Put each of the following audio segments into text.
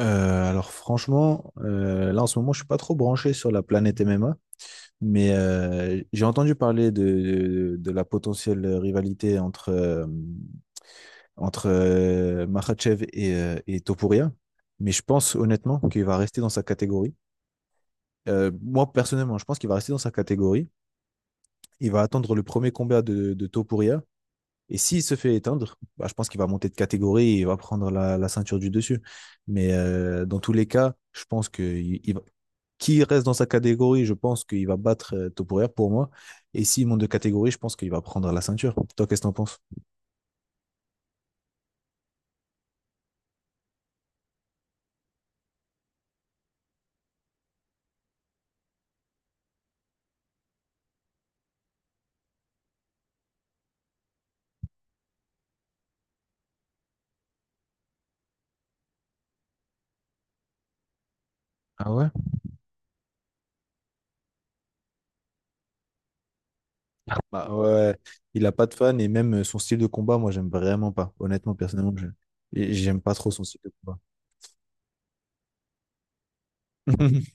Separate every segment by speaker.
Speaker 1: Alors franchement, là en ce moment, je suis pas trop branché sur la planète MMA, mais j'ai entendu parler de la potentielle rivalité entre, Makhachev et Topuria, mais je pense honnêtement qu'il va rester dans sa catégorie. Moi personnellement, je pense qu'il va rester dans sa catégorie. Il va attendre le premier combat de Topuria. Et s'il se fait éteindre, je pense qu'il va monter de catégorie et il va prendre la ceinture du dessus. Mais dans tous les cas, je pense que qui reste dans sa catégorie, je pense qu'il va battre Topuria pour moi. Et s'il monte de catégorie, je pense qu'il va prendre la ceinture. Toi, qu'est-ce que t'en penses? Ah ouais? Bah ouais, il a pas de fan et même son style de combat, moi, j'aime vraiment pas. Honnêtement, personnellement, j'aime pas trop son style de combat.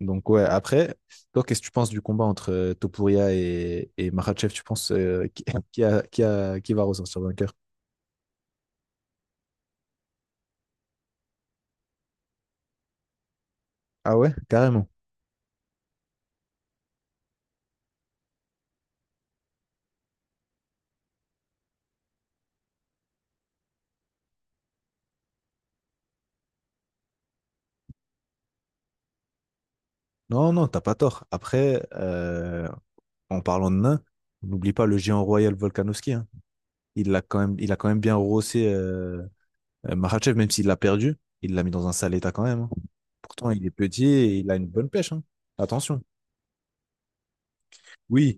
Speaker 1: Donc ouais, après, toi, qu'est-ce que tu penses du combat entre Topuria et Makhachev? Tu penses qui, qui va ressortir vainqueur? Ah ouais, carrément. Non, non, t'as pas tort. Après, en parlant de nain, n'oublie pas le géant royal Volkanovski, hein. Il l'a quand même, il a quand même bien rossé Makhachev, même s'il l'a perdu, il l'a mis dans un sale état quand même, hein. Pourtant, il est petit et il a une bonne pêche, hein. Attention. Oui,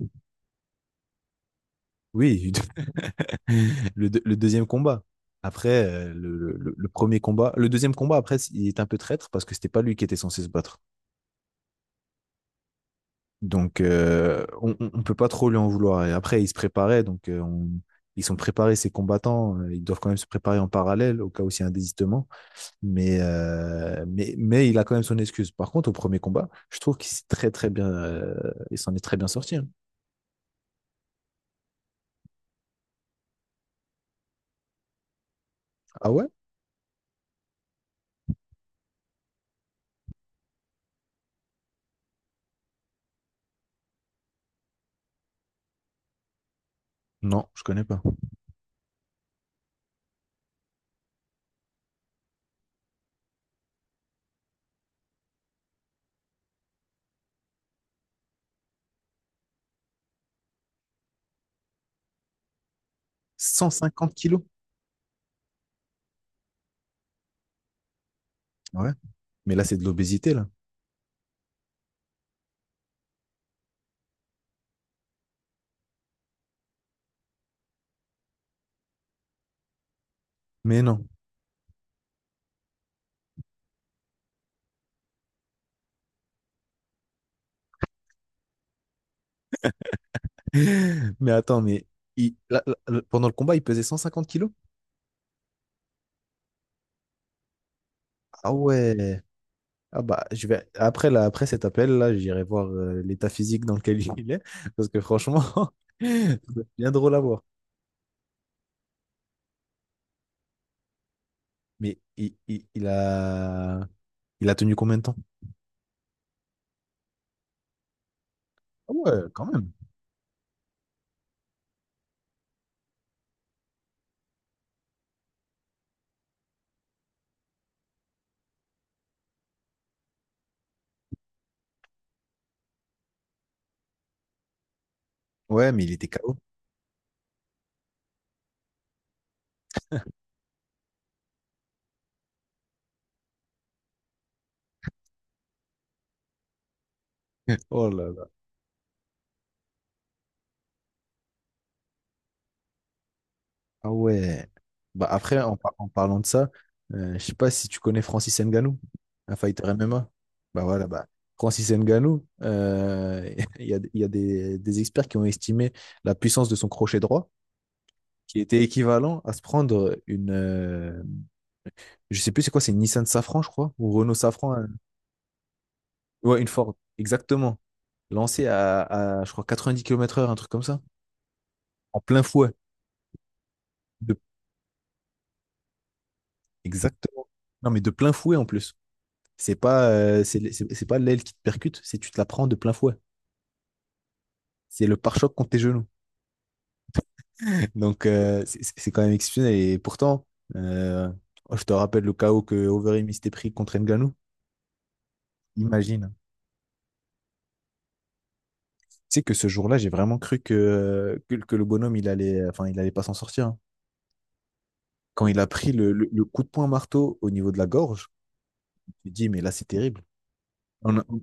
Speaker 1: oui, Le deuxième combat. Après, le premier combat. Le deuxième combat, après, il est un peu traître parce que c'était pas lui qui était censé se battre. Donc, on peut pas trop lui en vouloir. Et après, il se préparait. Donc, ils sont préparés, ces combattants. Ils doivent quand même se préparer en parallèle au cas où il y a un désistement. Mais, mais il a quand même son excuse. Par contre, au premier combat, je trouve qu'il s'est très, très bien. Il s'en est très bien sorti, hein. Ah ouais? Non, je connais pas. Cent cinquante kilos? Ouais. Mais là, c'est de l'obésité, là. Mais non. Mais attends, mais pendant le combat, il pesait 150 kilos? Ah ouais. Ah bah, je vais, après, là, après cet appel, là, j'irai voir l'état physique dans lequel il est. Parce que franchement, c'est bien drôle à voir. Mais il a tenu combien de temps? Ah ouais, quand même. Ouais, mais il était KO. Oh là là. Ah ouais. Bah après, en parlant de ça, je sais pas si tu connais Francis Ngannou, un fighter MMA. Bah voilà, bah Francis Ngannou, il y a des experts qui ont estimé la puissance de son crochet droit, qui était équivalent à se prendre une, je sais plus c'est quoi, c'est une Nissan Safran, je crois, ou Renault Safran, ouais, une Ford, exactement, lancée je crois, 90 km/h, un truc comme ça, en plein fouet. De, exactement. Non, mais de plein fouet en plus. C'est pas, c'est pas l'aile qui te percute, c'est tu te la prends de plein fouet. C'est le pare-choc contre tes genoux. Donc, c'est quand même exceptionnel. Et pourtant, euh, je te rappelle le chaos que Overeem s'était pris contre Ngannou. Imagine. Tu sais que ce jour-là, j'ai vraiment cru que le bonhomme, il allait, enfin, il allait pas s'en sortir, hein. Quand il a pris le coup de poing marteau au niveau de la gorge, je me suis dit, mais là, c'est terrible. On a- on-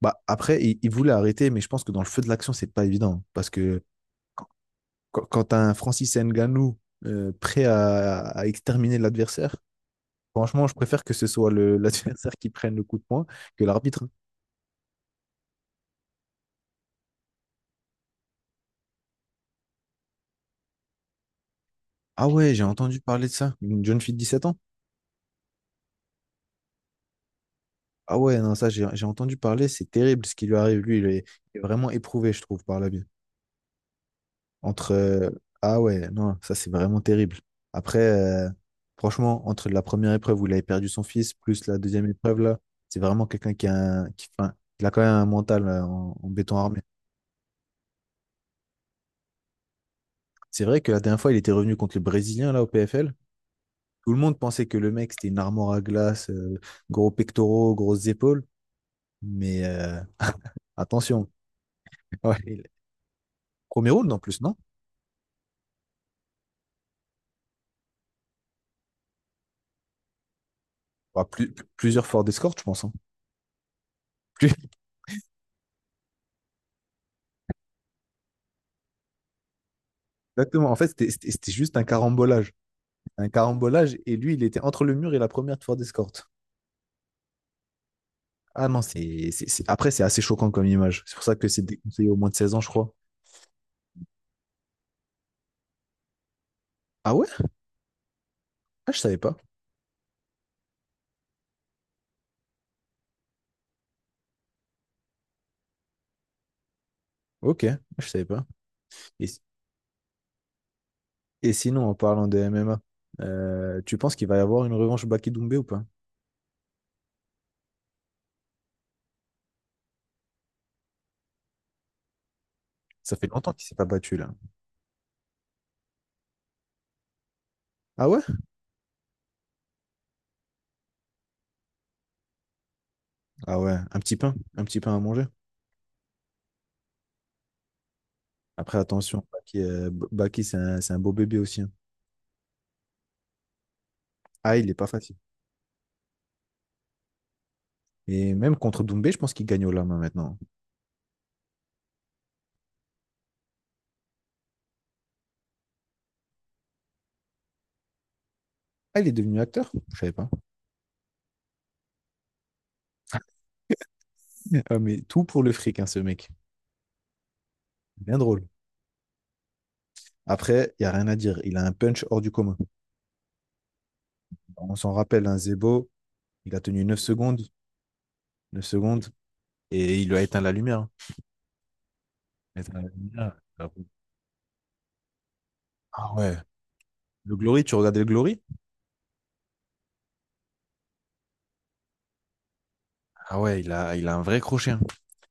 Speaker 1: bah, après, il voulait arrêter, mais je pense que dans le feu de l'action, c'est pas évident. Parce que quand t'as un Francis Nganou prêt à exterminer l'adversaire, franchement, je préfère que ce soit l'adversaire qui prenne le coup de poing que l'arbitre. Ah ouais, j'ai entendu parler de ça. Une jeune fille de 17 ans. Ah ouais, non, ça, j'ai entendu parler. C'est terrible ce qui lui arrive. Il est vraiment éprouvé, je trouve, par la vie. Entre. Ah ouais, non, ça, c'est vraiment terrible. Après, franchement, entre la première épreuve où il avait perdu son fils, plus la deuxième épreuve, là, c'est vraiment quelqu'un qui a, enfin, il a quand même un mental en béton armé. C'est vrai que la dernière fois, il était revenu contre les Brésiliens, là, au PFL. Tout le monde pensait que le mec, c'était une armoire à glace, gros pectoraux, grosses épaules. Mais attention. Ouais, il- Premier round, en plus, non? Bah, plusieurs forts d'escorte, je pense, hein. Plus- Exactement. En fait, c'était juste un carambolage. Un carambolage, et lui, il était entre le mur et la première de fort d'escorte. Ah non, après, c'est assez choquant comme image. C'est pour ça que c'est déconseillé au moins de 16 ans, je crois. Ah ouais? Ah, je savais pas. Ok, je savais pas. Et Et sinon, en parlant de MMA, tu penses qu'il va y avoir une revanche Baki Doumbé ou pas? Ça fait longtemps qu'il s'est pas battu là. Ah ouais? Ah ouais, un petit pain à manger. Après, attention, Baki, c'est un beau bébé aussi, hein. Ah, il est pas facile. Et même contre Doumbé, je pense qu'il gagne au lama maintenant. Ah, il est devenu acteur? Je savais pas. Ah, mais tout pour le fric, hein, ce mec. Bien drôle. Après, il y a rien à dire. Il a un punch hors du commun. On s'en rappelle, un Zebo, il a tenu 9 secondes, et il lui a éteint la lumière, hein. Éteint la lumière. Ah ouais. Le Glory, tu regardais le Glory? Ah ouais, il a un vrai crochet, hein.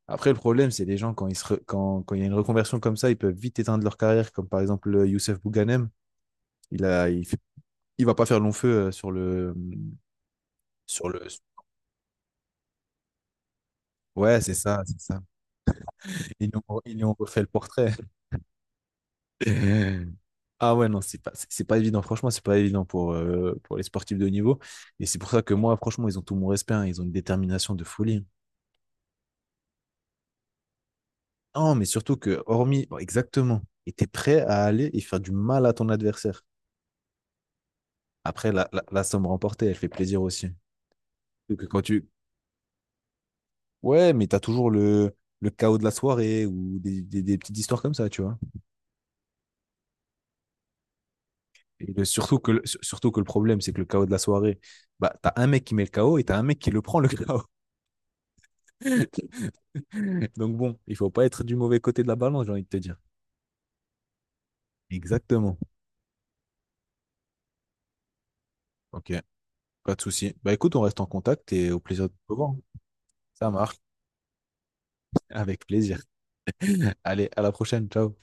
Speaker 1: Après, le problème, c'est les gens, quand, ils se re- quand, quand il y a une reconversion comme ça, ils peuvent vite éteindre leur carrière, comme par exemple Youssef Bouganem. Il a, il fait- il va pas faire long feu sur le. Ouais, c'est ça, c'est ça. Ils nous ont refait le portrait. Ah ouais, non, c'est pas évident. Franchement, c'est pas évident pour les sportifs de haut niveau. Et c'est pour ça que moi, franchement, ils ont tout mon respect, hein. Ils ont une détermination de folie, hein. Non, mais surtout que, hormis, bon, exactement, et t'es prêt à aller et faire du mal à ton adversaire. Après, la somme remportée, elle fait plaisir aussi. Surtout que quand tu... Ouais, mais t'as toujours le chaos de la soirée ou des petites histoires comme ça, tu vois. Surtout que le problème, c'est que le chaos de la soirée, bah, t'as un mec qui met le chaos et t'as un mec qui le prend, le chaos. Donc bon, il faut pas être du mauvais côté de la balance, j'ai envie de te dire. Exactement. Ok, pas de souci. Bah écoute, on reste en contact et au plaisir de te voir. Ça marche, avec plaisir. Allez, à la prochaine. Ciao.